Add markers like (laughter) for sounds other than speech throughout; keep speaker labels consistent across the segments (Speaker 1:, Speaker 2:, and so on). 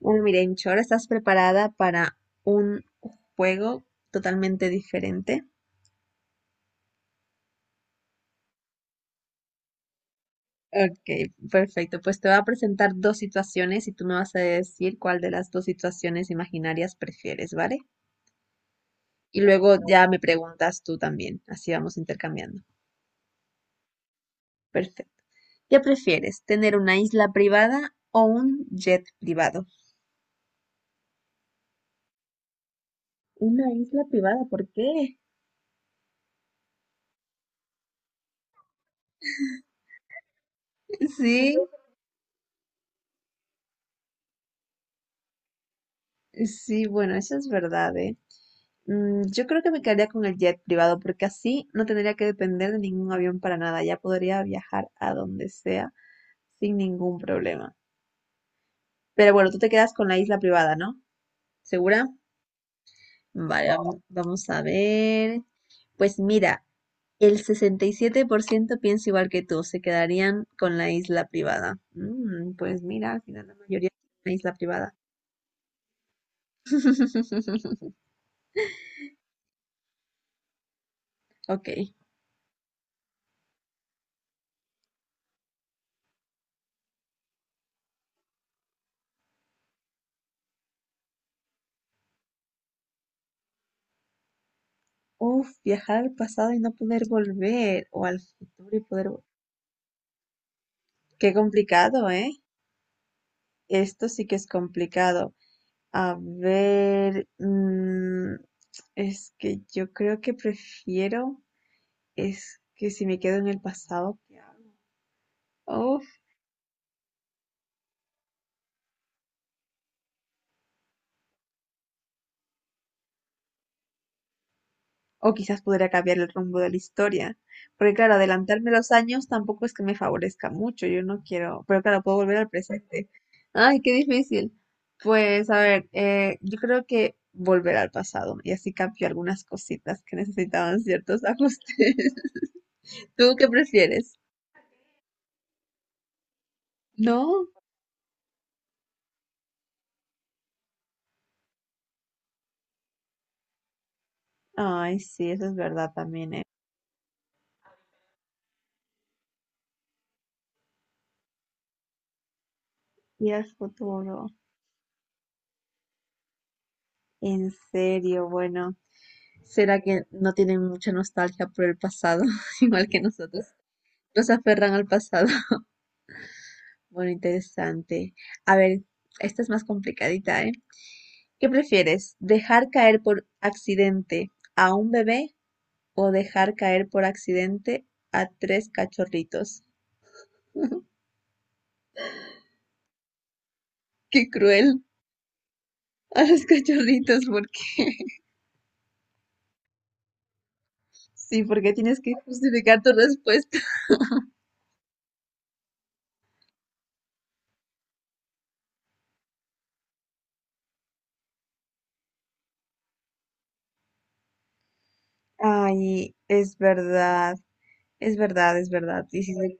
Speaker 1: Bueno, Mirencho, ¿ahora estás preparada para un juego totalmente diferente? Ok, perfecto. Pues te voy a presentar dos situaciones y tú me vas a decir cuál de las dos situaciones imaginarias prefieres, ¿vale? Y luego ya me preguntas tú también. Así vamos intercambiando. Perfecto. ¿Qué prefieres? ¿Tener una isla privada o un jet privado? Una isla privada, ¿por qué? (laughs) Sí, sí, bueno, eso es verdad, ¿eh? Yo creo que me quedaría con el jet privado porque así no tendría que depender de ningún avión para nada. Ya podría viajar a donde sea sin ningún problema. Pero bueno, tú te quedas con la isla privada, ¿no? ¿Segura? Vale, vamos, vamos a ver. Pues mira, el 67% piensa igual que tú, se quedarían con la isla privada. Pues mira, al final la mayoría con la isla privada. (laughs) Ok. Uf, viajar al pasado y no poder volver, o al futuro y poder... Qué complicado, ¿eh? Esto sí que es complicado. A ver, es que yo creo que prefiero, es que si me quedo en el pasado, ¿qué hago? Uf, o quizás pudiera cambiar el rumbo de la historia. Porque claro, adelantarme los años tampoco es que me favorezca mucho, yo no quiero, pero claro, puedo volver al presente. Ay, qué difícil. Pues a ver, yo creo que volver al pasado y así cambio algunas cositas que necesitaban ciertos (laughs) ajustes. ¿Tú qué prefieres? ¿No? Ay, sí, eso es verdad también, ¿eh? Ir al futuro. En serio, bueno. ¿Será que no tienen mucha nostalgia por el pasado, (laughs) igual que nosotros? Nos aferran al pasado. (laughs) Bueno, interesante. A ver, esta es más complicadita, ¿eh? ¿Qué prefieres? ¿Dejar caer por accidente a un bebé o dejar caer por accidente a tres cachorritos? Qué cruel a los (laughs) cachorritos, porque sí, porque tienes que justificar tu respuesta. Ay, es verdad, es verdad, es verdad.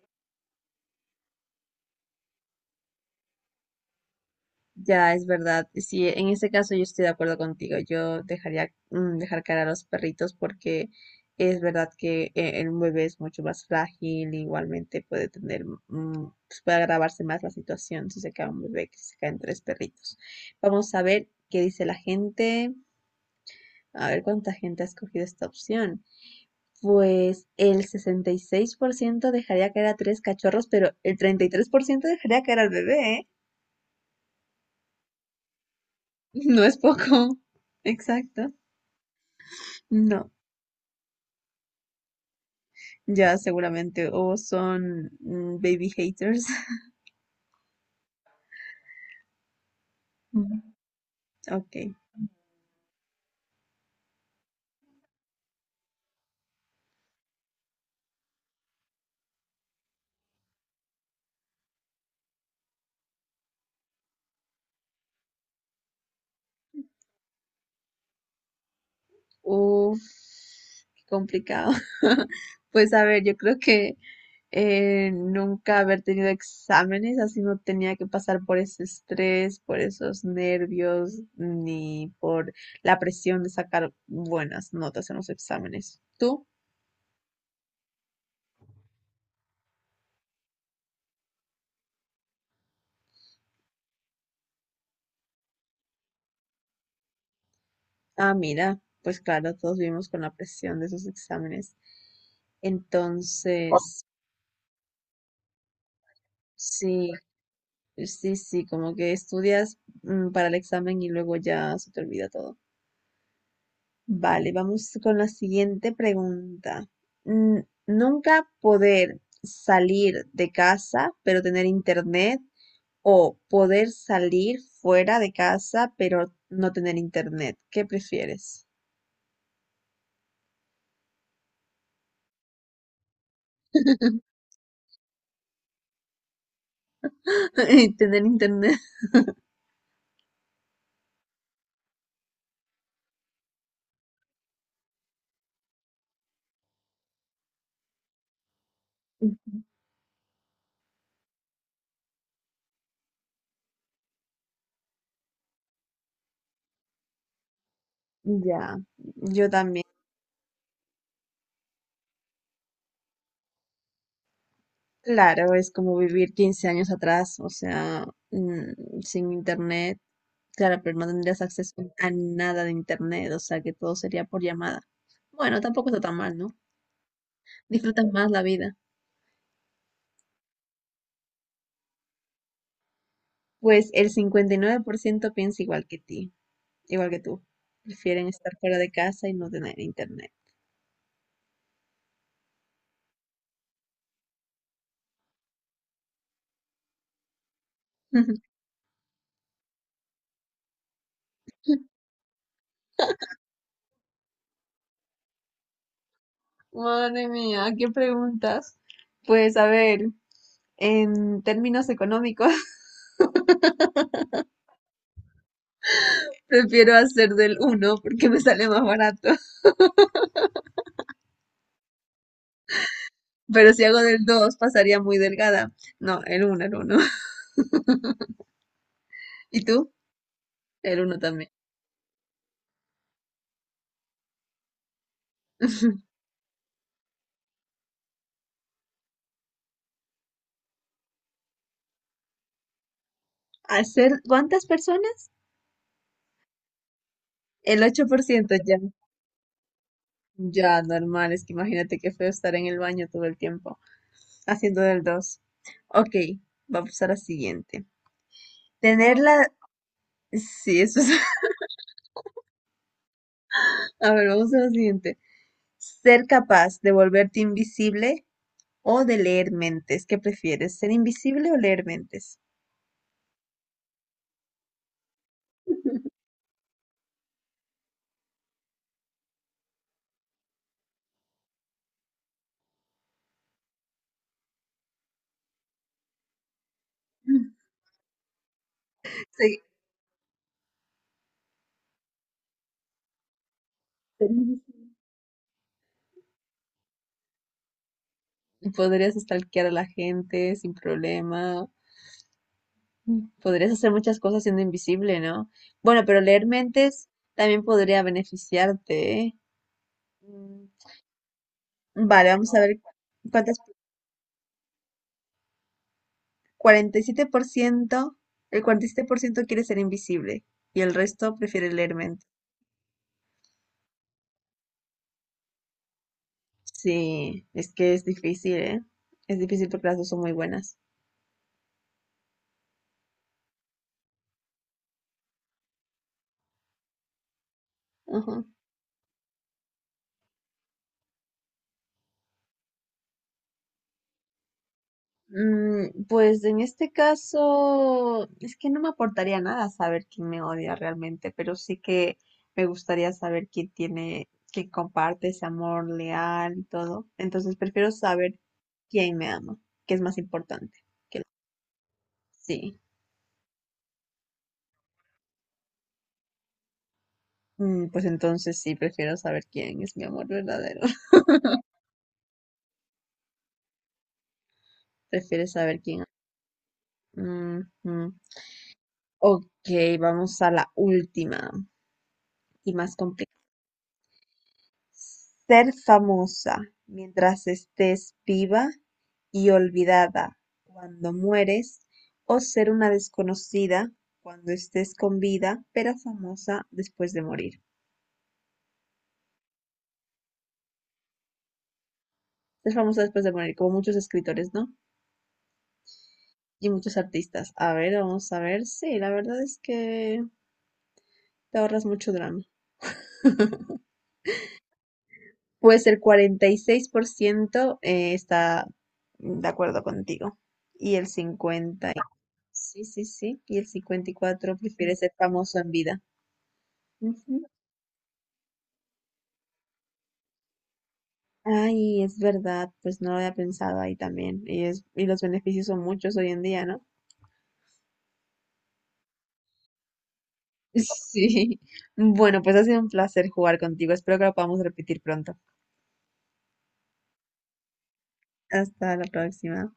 Speaker 1: Ya, es verdad. Sí, en este caso yo estoy de acuerdo contigo. Yo dejaría dejar caer a los perritos porque es verdad que el bebé es mucho más frágil. Igualmente puede tener, pues puede agravarse más la situación si se cae un bebé que si se caen tres perritos. Vamos a ver qué dice la gente. A ver cuánta gente ha escogido esta opción. Pues el 66% dejaría caer a tres cachorros, pero el 33% dejaría caer al bebé, ¿eh? (laughs) No es poco. (laughs) Exacto. No, ya seguramente o son baby haters. (laughs) Mm, Ok. Uf, qué complicado. (laughs) Pues a ver, yo creo que nunca haber tenido exámenes, así no tenía que pasar por ese estrés, por esos nervios, ni por la presión de sacar buenas notas en los exámenes. ¿Tú? Ah, mira, pues claro, todos vivimos con la presión de esos exámenes. Entonces, sí, sí, sí, como que estudias para el examen y luego ya se te olvida todo. Vale, vamos con la siguiente pregunta. Nunca poder salir de casa, pero tener internet, o poder salir fuera de casa, pero no tener internet. ¿Qué prefieres? (laughs) Tener internet. Ujú. Ya, yo también. Claro, es como vivir 15 años atrás, o sea, sin internet. Claro, pero no tendrías acceso a nada de internet, o sea que todo sería por llamada. Bueno, tampoco está tan mal, ¿no? Disfrutas más la vida. Pues el 59% piensa igual que tú. Prefieren estar fuera de casa y no tener internet. (laughs) Madre mía, ¿qué preguntas? Pues a ver, en términos económicos, (laughs) prefiero hacer del uno porque me sale más barato. Pero si hago del 2 pasaría muy delgada. No, el uno, el uno. (laughs) ¿Y tú? El uno también. (laughs) ¿Hacer cuántas personas? El 8% ya. Ya, normal. Es que imagínate qué feo estar en el baño todo el tiempo haciendo del 2. Ok, vamos a la siguiente. Tener la... Sí, eso es... (laughs) A ver, vamos a la siguiente. Ser capaz de volverte invisible o de leer mentes. ¿Qué prefieres? ¿Ser invisible o leer mentes? (laughs) Sí, ser invisible. Podrías stalkear a la gente sin problema. Podrías hacer muchas cosas siendo invisible, ¿no? Bueno, pero leer mentes también podría beneficiarte, ¿eh? Mm, Vale, vamos a ver cuántas. Cuarenta y siete por ciento el 47% quiere ser invisible y el resto prefiere leer mentes. Sí, es que es difícil, ¿eh? Es difícil porque las dos son muy buenas. Ajá. Pues en este caso, es que no me aportaría nada saber quién me odia realmente, pero sí que me gustaría saber quién tiene, quién comparte ese amor leal y todo. Entonces prefiero saber quién me ama, que es más importante. Que... Sí, pues entonces sí, prefiero saber quién es mi amor verdadero. (laughs) Prefiero saber quién. Ujú. Ok, vamos a la última y más complicada. Ser famosa mientras estés viva y olvidada cuando mueres, o ser una desconocida cuando estés con vida, pero famosa después de morir. Ser famosa después de morir, como muchos escritores, ¿no? Y muchos artistas. A ver, vamos a ver. Sí, la verdad es que te ahorras mucho drama. Pues el 46% está de acuerdo contigo y el cincuenta. Sí, sí, sí. Y el 54% prefiere ser famoso en vida. Ujú. Ay, es verdad, pues no lo había pensado ahí también. Y, es, y los beneficios son muchos hoy en día, ¿no? (laughs) Sí. Bueno, pues ha sido un placer jugar contigo. Espero que lo podamos repetir pronto. Hasta la próxima.